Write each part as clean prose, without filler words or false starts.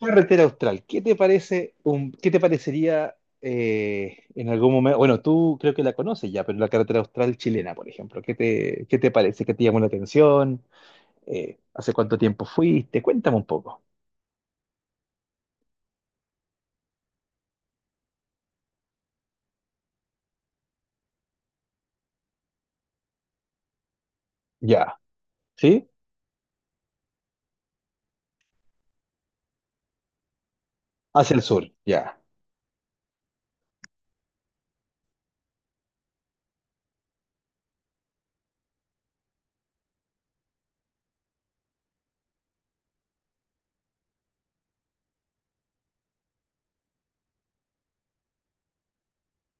Carretera Austral, ¿qué te parece qué te parecería en algún momento? Bueno, tú creo que la conoces ya, pero la Carretera Austral chilena, por ejemplo, ¿qué te parece? ¿Qué te llamó la atención? ¿Hace cuánto tiempo fuiste? Cuéntame un poco. Ya, ¿sí? Hacia el sur, ya.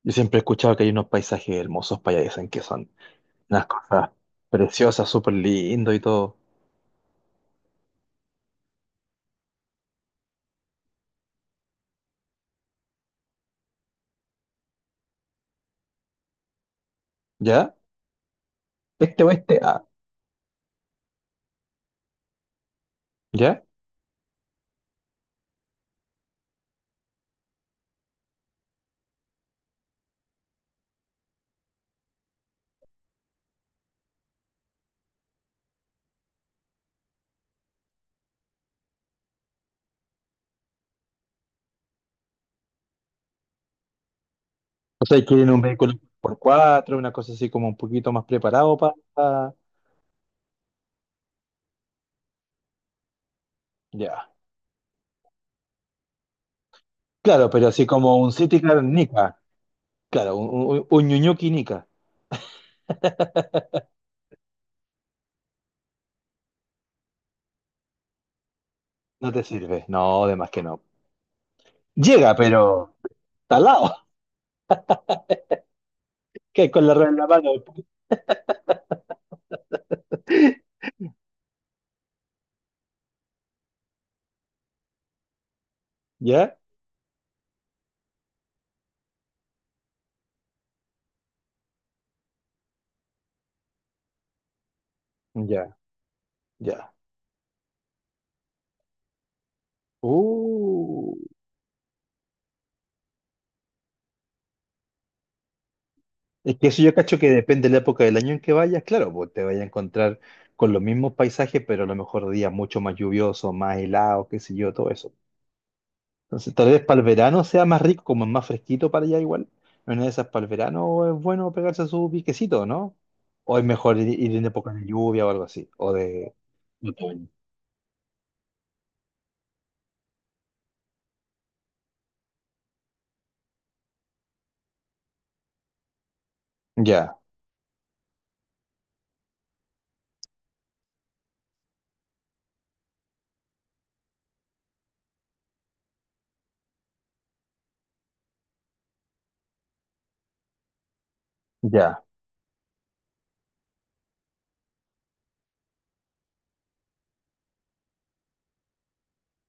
Yo siempre he escuchado que hay unos paisajes hermosos para allá, dicen que son unas cosas preciosas, súper lindo y todo. ¿Ya? Este oeste, ah, ¿ya? O sea, quieren un vehículo por 4, una cosa así como un poquito más preparado para. Ya. Claro, pero así como un City Car Nica. Claro, un Ñuñuki Nica. No te sirve. No, además que no. Llega, pero talado. Que con la rueda en la mano. ¿Ya? Ya, ya. Uh. Es que eso yo cacho que depende de la época del año en que vayas. Claro, pues te vayas a encontrar con los mismos paisajes, pero a lo mejor días mucho más lluviosos, más helados, qué sé yo, todo eso. Entonces, tal vez para el verano sea más rico, como es más fresquito para allá igual. En una de esas para el verano es bueno pegarse su piquecito, ¿no? O es mejor ir en época de lluvia o algo así. O de... Otoño. Ya, ya,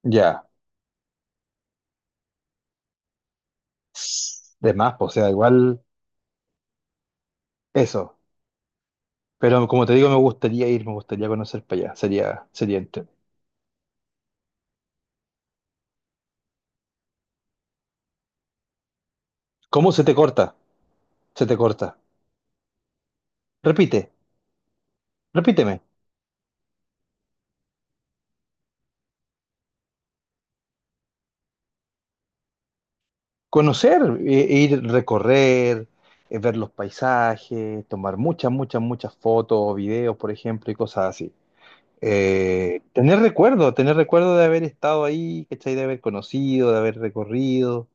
ya. De más, pues, o sea, igual eso. Pero como te digo, me gustaría ir, me gustaría conocer para allá. Sería, sería entretenido. ¿Cómo se te corta? Se te corta. Repite, repíteme. Conocer, ir recorrer, ver los paisajes, tomar muchas, muchas, muchas fotos, videos, por ejemplo, y cosas así. Tener recuerdo de haber estado ahí, ¿cachai? De haber conocido, de haber recorrido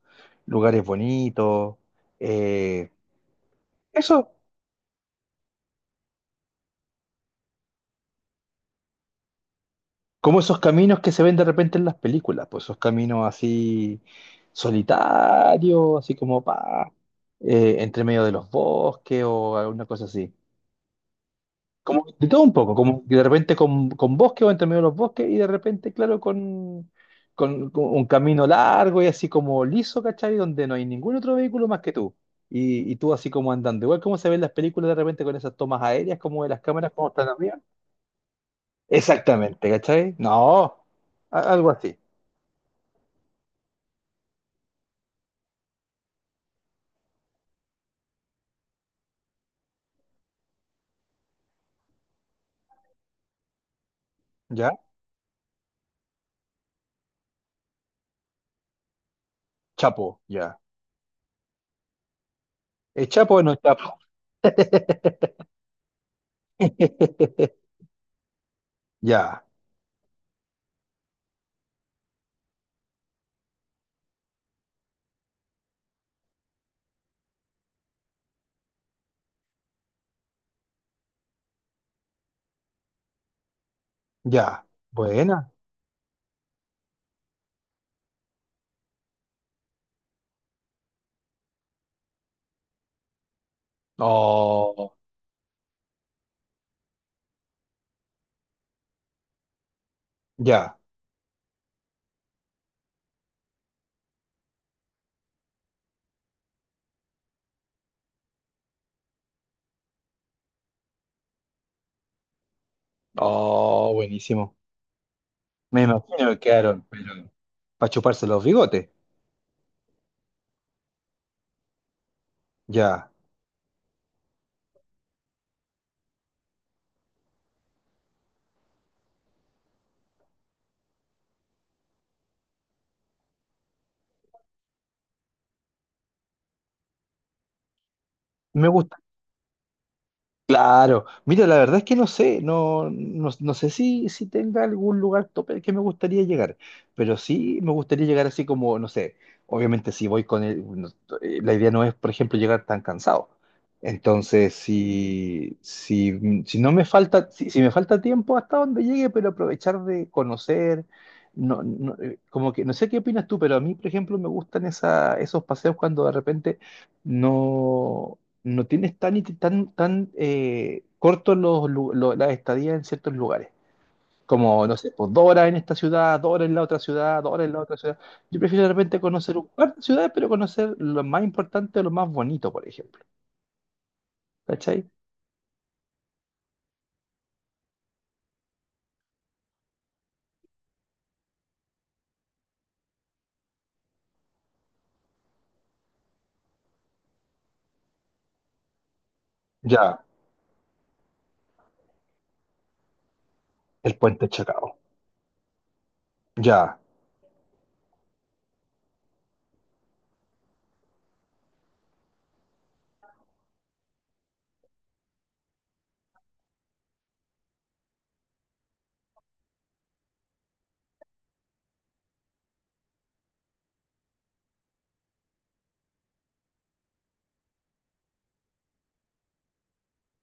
lugares bonitos. eh, Eso, como esos caminos que se ven de repente en las películas, pues esos caminos así solitarios, así como pa, entre medio de los bosques o alguna cosa así. Como de todo un poco, como que de repente con bosque o entre medio de los bosques y de repente, claro, con un camino largo y así como liso, ¿cachai? Donde no hay ningún otro vehículo más que tú. Y tú así como andando. Igual como se ven las películas de repente con esas tomas aéreas, como de las cámaras como están arriba. Exactamente, ¿cachai? No, algo así. ¿Ya? Chapo, ya. ¿Es Chapo o no es Chapo? Ya, ya. Buena. Oh, ya. Oh, buenísimo. Me imagino que quedaron, pero para chuparse los bigotes. Ya. Me gus- Claro, mira, la verdad es que no sé, no sé si tenga algún lugar tope al que me gustaría llegar, pero sí me gustaría llegar así como, no sé, obviamente si voy con el, la idea no es, por ejemplo, llegar tan cansado. Entonces, si no me falta, si me falta tiempo hasta donde llegue, pero aprovechar de conocer, no, como que, no sé qué opinas tú, pero a mí, por ejemplo, me gustan esa, esos paseos cuando de repente no no tienes tan, tan, tan cortos los, las estadías en ciertos lugares. Como, no sé, pues 2 horas en esta ciudad, 2 horas en la otra ciudad, 2 horas en la otra ciudad. Yo prefiero de repente conocer un par de ciudades, pero conocer lo más importante o lo más bonito, por ejemplo. ¿Cachai? Ya, el puente Chacao. Ya.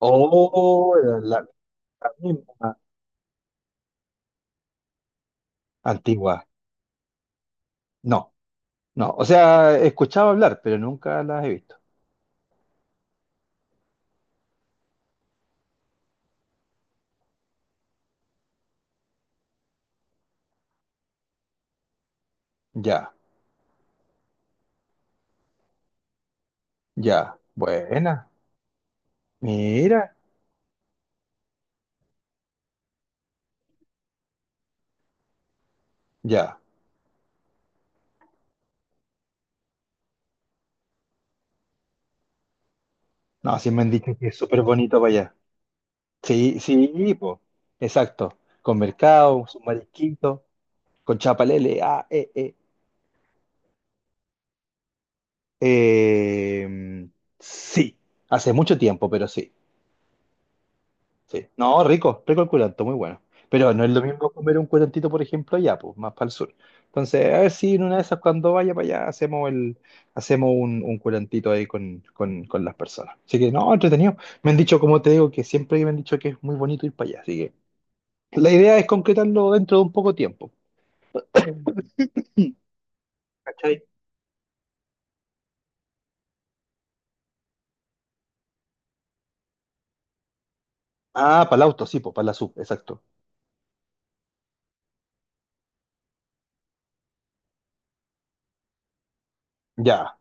Oh, la, la la misma antigua. No, no. O sea, he escuchado hablar, pero nunca las he visto. Ya, ya. Buena. Mira. Ya. No, sí me han dicho que es súper bonito para allá. Sí, sí, po. Exacto. Con mercado, con marisquito, con chapalele. Ah, eh. Eh, sí, hace mucho tiempo, pero sí, sí. No, rico, rico el curanto, muy bueno. Pero no es lo mismo comer un curantito, por ejemplo, allá, pues, más para el sur. Entonces, a ver si en una de esas, cuando vaya para allá, hacemos un curantito ahí con las personas. Así que, no, entretenido. Me han dicho, como te digo, que siempre me han dicho que es muy bonito ir para allá. Así que. La idea es concretarlo dentro de un poco tiempo, ¿cachai? Ah, para el auto, sí, pues, para la sub, exacto. Ya,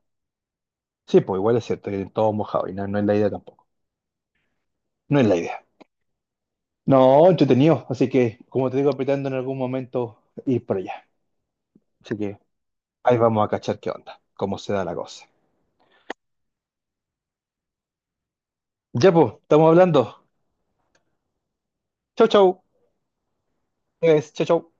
sí, pues igual es cierto que todo mojado y no, no es la idea tampoco. No es la idea. No, entretenido, así que, como te digo, apretando en algún momento ir por allá. Así que ahí vamos a cachar qué onda, cómo se da la cosa. Ya, pues, estamos hablando. Chau, chau. Es, chau, chau.